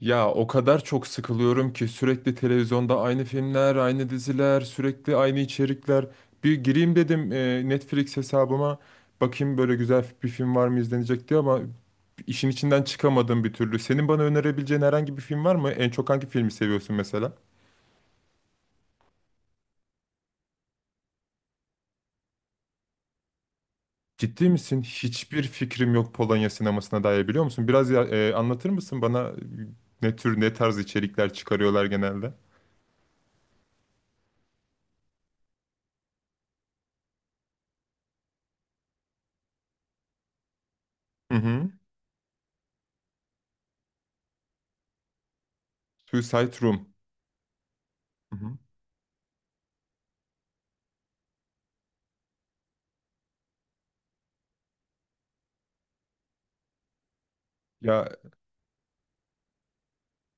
Ya o kadar çok sıkılıyorum ki sürekli televizyonda aynı filmler, aynı diziler, sürekli aynı içerikler. Bir gireyim dedim Netflix hesabıma. Bakayım böyle güzel bir film var mı izlenecek diye ama işin içinden çıkamadım bir türlü. Senin bana önerebileceğin herhangi bir film var mı? En çok hangi filmi seviyorsun mesela? Ciddi misin? Hiçbir fikrim yok Polonya sinemasına dair biliyor musun? Biraz anlatır mısın bana ne tür ne tarz içerikler çıkarıyorlar genelde? Hı hı. Suicide Room. Hı hı. Ya,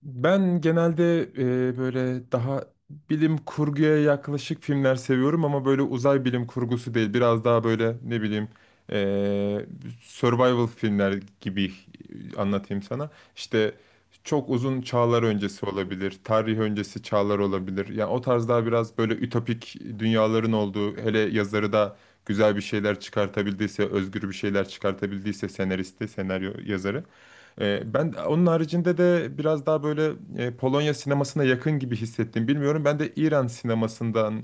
ben genelde böyle daha bilim kurguya yaklaşık filmler seviyorum ama böyle uzay bilim kurgusu değil. Biraz daha böyle ne bileyim e, survival filmler gibi anlatayım sana. İşte çok uzun çağlar öncesi olabilir, tarih öncesi çağlar olabilir. Yani o tarz daha biraz böyle ütopik dünyaların olduğu, hele yazarı da güzel bir şeyler çıkartabildiyse, özgür bir şeyler çıkartabildiyse senaristi, senaryo yazarı. Ben onun haricinde de biraz daha böyle Polonya sinemasına yakın gibi hissettim. Bilmiyorum ben de İran sinemasından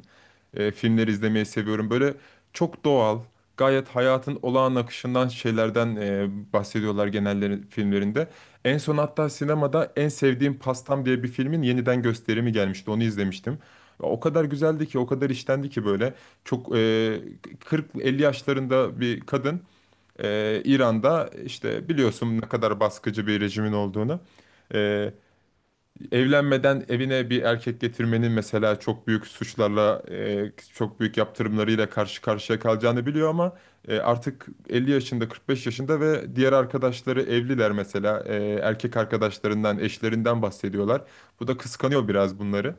filmleri izlemeyi seviyorum. Böyle çok doğal, gayet hayatın olağan akışından şeylerden bahsediyorlar genelleri filmlerinde. En son hatta sinemada En Sevdiğim Pastam diye bir filmin yeniden gösterimi gelmişti. Onu izlemiştim. O kadar güzeldi ki, o kadar işlendi ki böyle. Çok 40-50 yaşlarında bir kadın, İran'da işte biliyorsun ne kadar baskıcı bir rejimin olduğunu. Ee, Evlenmeden evine bir erkek getirmenin mesela çok büyük suçlarla, çok büyük yaptırımlarıyla karşı karşıya kalacağını biliyor ama artık 50 yaşında, 45 yaşında ve diğer arkadaşları evliler mesela. Erkek arkadaşlarından, eşlerinden bahsediyorlar. Bu da kıskanıyor biraz bunları.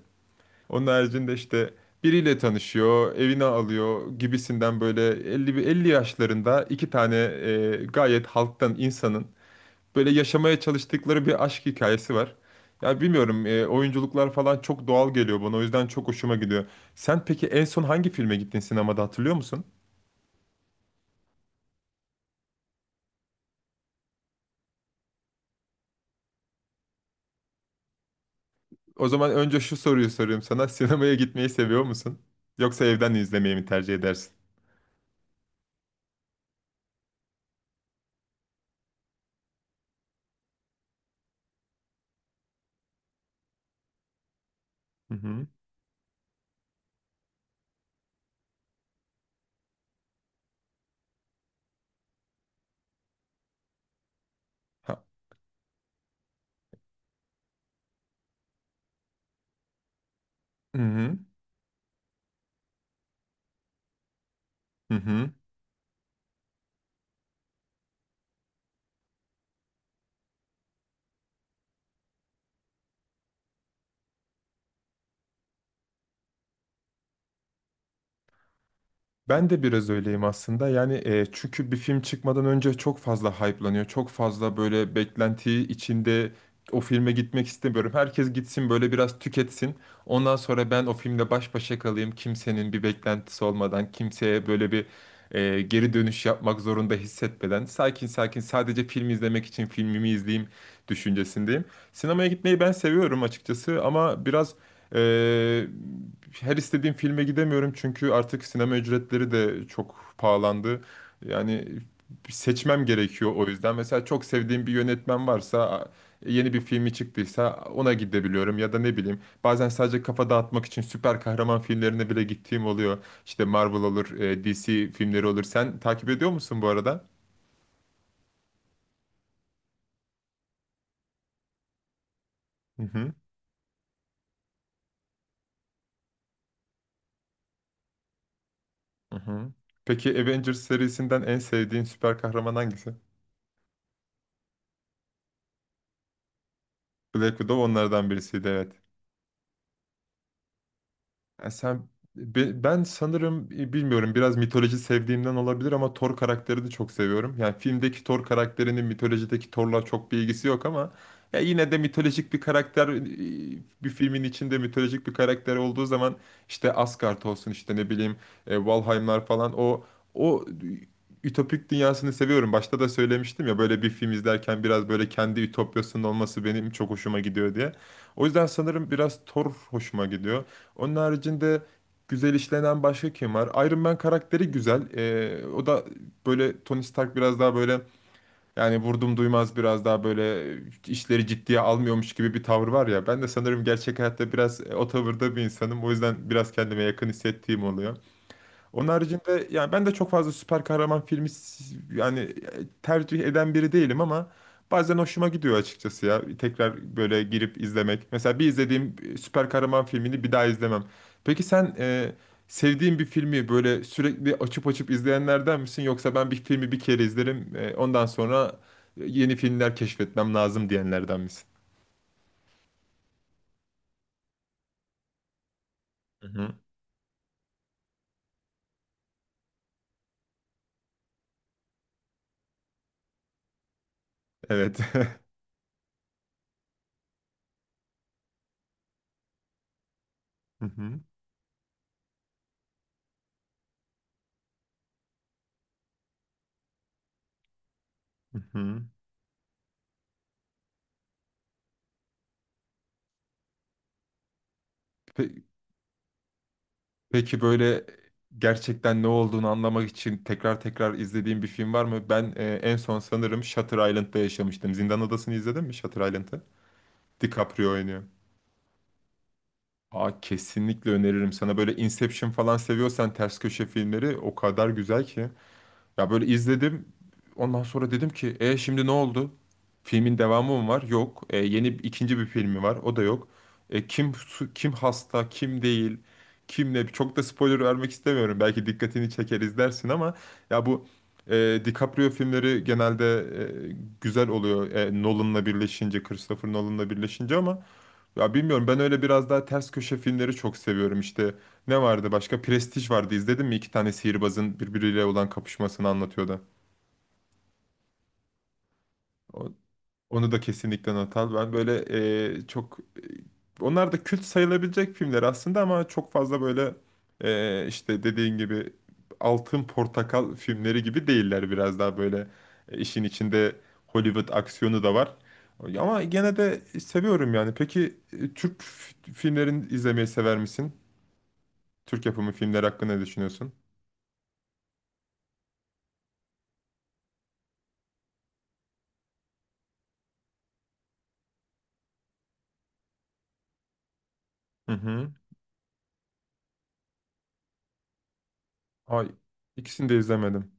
Onun haricinde işte biriyle tanışıyor, evine alıyor gibisinden böyle 50 bir 50 yaşlarında iki tane gayet halktan insanın böyle yaşamaya çalıştıkları bir aşk hikayesi var. Ya bilmiyorum oyunculuklar falan çok doğal geliyor bana o yüzden çok hoşuma gidiyor. Sen peki en son hangi filme gittin sinemada hatırlıyor musun? O zaman önce şu soruyu sorayım sana. Sinemaya gitmeyi seviyor musun? Yoksa evden izlemeyi mi tercih edersin? Hı hı. Ha- Hı hı. Hı hı. Ben de biraz öyleyim aslında. Yani çünkü bir film çıkmadan önce çok fazla hype'lanıyor. Çok fazla böyle beklenti içinde o filme gitmek istemiyorum. Herkes gitsin böyle biraz tüketsin. Ondan sonra ben o filmle baş başa kalayım. Kimsenin bir beklentisi olmadan, kimseye böyle bir geri dönüş yapmak zorunda hissetmeden sakin sakin sadece film izlemek için filmimi izleyeyim düşüncesindeyim. Sinemaya gitmeyi ben seviyorum açıkçası ama biraz e, her istediğim filme gidemiyorum çünkü artık sinema ücretleri de çok pahalandı. Yani seçmem gerekiyor o yüzden. Mesela çok sevdiğim bir yönetmen varsa yeni bir filmi çıktıysa ona gidebiliyorum ya da ne bileyim bazen sadece kafa dağıtmak için süper kahraman filmlerine bile gittiğim oluyor. İşte Marvel olur, DC filmleri olur. Sen takip ediyor musun bu arada? Hı hı. Hı hı. Peki Avengers serisinden en sevdiğin süper kahraman hangisi? Black Widow onlardan birisiydi, evet. Ya sen, ben sanırım bilmiyorum biraz mitoloji sevdiğimden olabilir ama Thor karakterini çok seviyorum. Yani filmdeki Thor karakterinin mitolojideki Thor'la çok bir ilgisi yok ama ya yine de mitolojik bir karakter, bir filmin içinde mitolojik bir karakter olduğu zaman işte Asgard olsun işte ne bileyim Valheimlar falan, o ütopik dünyasını seviyorum. Başta da söylemiştim ya böyle bir film izlerken biraz böyle kendi ütopyasının olması benim çok hoşuma gidiyor diye. O yüzden sanırım biraz Thor hoşuma gidiyor. Onun haricinde güzel işlenen başka kim var? Iron Man karakteri güzel. O da böyle Tony Stark, biraz daha böyle yani vurdum duymaz, biraz daha böyle işleri ciddiye almıyormuş gibi bir tavır var ya. Ben de sanırım gerçek hayatta biraz o tavırda bir insanım. O yüzden biraz kendime yakın hissettiğim oluyor. Onun haricinde yani ben de çok fazla süper kahraman filmi yani tercih eden biri değilim ama bazen hoşuma gidiyor açıkçası ya. Tekrar böyle girip izlemek. Mesela bir izlediğim süper kahraman filmini bir daha izlemem. Peki sen, sevdiğin bir filmi böyle sürekli açıp açıp izleyenlerden misin? Yoksa ben bir filmi bir kere izlerim, ondan sonra yeni filmler keşfetmem lazım diyenlerden misin? Hı hı. Evet. Hı hı. Hı hı. Peki böyle gerçekten ne olduğunu anlamak için tekrar tekrar izlediğim bir film var mı? Ben en son sanırım Shutter Island'da yaşamıştım. Zindan Adası'nı izledin mi, Shutter Island'ı? DiCaprio oynuyor. Aa, kesinlikle öneririm sana. Böyle Inception falan seviyorsan ters köşe filmleri o kadar güzel ki. Ya böyle izledim. Ondan sonra dedim ki şimdi ne oldu? Filmin devamı mı var? Yok. Yeni ikinci bir filmi var. O da yok. Kim hasta, kim değil, kim ne? Çok da spoiler vermek istemiyorum. Belki dikkatini çeker izlersin ama ya bu, DiCaprio filmleri genelde e, güzel oluyor. Nolan'la birleşince, Christopher Nolan'la birleşince ama ya bilmiyorum ben öyle biraz daha ters köşe filmleri çok seviyorum işte. Ne vardı başka? Prestij vardı. İzledin mi? İki tane sihirbazın birbiriyle olan kapışmasını anlatıyordu. O- Onu da kesinlikle not al. Ben böyle e, çok e, onlar da kült sayılabilecek filmler aslında ama çok fazla böyle işte dediğin gibi Altın Portakal filmleri gibi değiller, biraz daha böyle işin içinde Hollywood aksiyonu da var. Ama gene de seviyorum yani. Peki Türk filmlerini izlemeyi sever misin? Türk yapımı filmler hakkında ne düşünüyorsun? Hı hı. Ay, ikisini de izlemedim.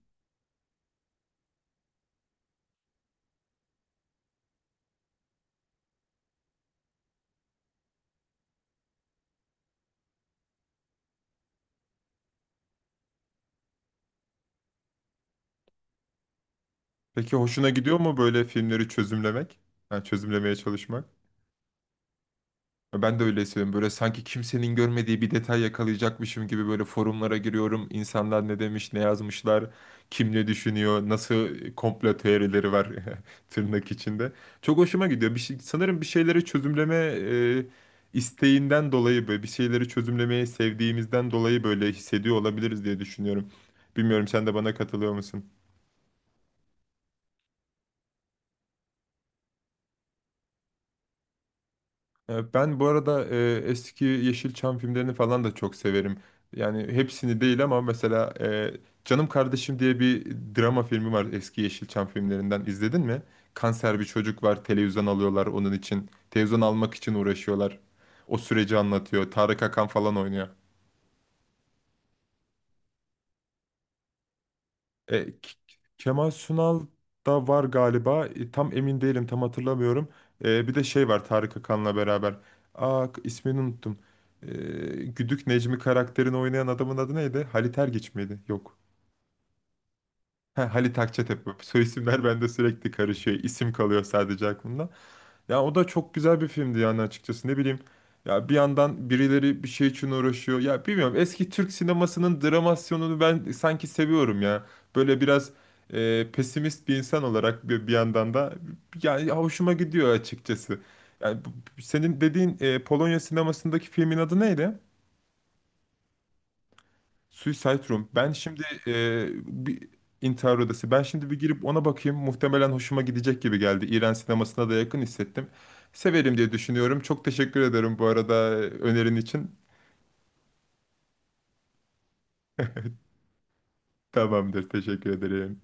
Peki hoşuna gidiyor mu böyle filmleri çözümlemek? Yani çözümlemeye çalışmak? Ben de öyle hissediyorum. Böyle sanki kimsenin görmediği bir detay yakalayacakmışım gibi böyle forumlara giriyorum. İnsanlar ne demiş, ne yazmışlar, kim ne düşünüyor, nasıl komplo teorileri var, tırnak içinde. Çok hoşuma gidiyor. Bir şey, sanırım bir şeyleri çözümleme isteğinden dolayı, böyle bir şeyleri çözümlemeyi sevdiğimizden dolayı böyle hissediyor olabiliriz diye düşünüyorum. Bilmiyorum, sen de bana katılıyor musun? Ben bu arada eski Yeşilçam filmlerini falan da çok severim. Yani hepsini değil ama mesela Canım Kardeşim diye bir drama filmi var eski Yeşilçam filmlerinden. İzledin mi? Kanser bir çocuk var, televizyon alıyorlar onun için. Televizyon almak için uğraşıyorlar. O süreci anlatıyor. Tarık Akan falan oynuyor. E, K- Kemal Sunal da var galiba. Tam emin değilim, tam hatırlamıyorum. Bir de şey var Tarık Akan'la beraber. Aa, ismini unuttum. E, Güdük Necmi karakterini oynayan adamın adı neydi? Halit Ergenç miydi? Yok. Ha, Halit Akçatepe. Soy isimler bende sürekli karışıyor. İsim kalıyor sadece aklımda. Ya o da çok güzel bir filmdi yani, açıkçası ne bileyim. Ya bir yandan birileri bir şey için uğraşıyor. Ya bilmiyorum, eski Türk sinemasının dramasyonunu ben sanki seviyorum ya. Böyle biraz pesimist bir insan olarak, bir yandan da yani hoşuma gidiyor açıkçası. Yani senin dediğin Polonya sinemasındaki filmin adı neydi? Suicide Room. Ben şimdi bir intihar odası. Ben şimdi bir girip ona bakayım. Muhtemelen hoşuma gidecek gibi geldi. İran sinemasına da yakın hissettim. Severim diye düşünüyorum. Çok teşekkür ederim bu arada önerin için. Tamamdır. Teşekkür ederim.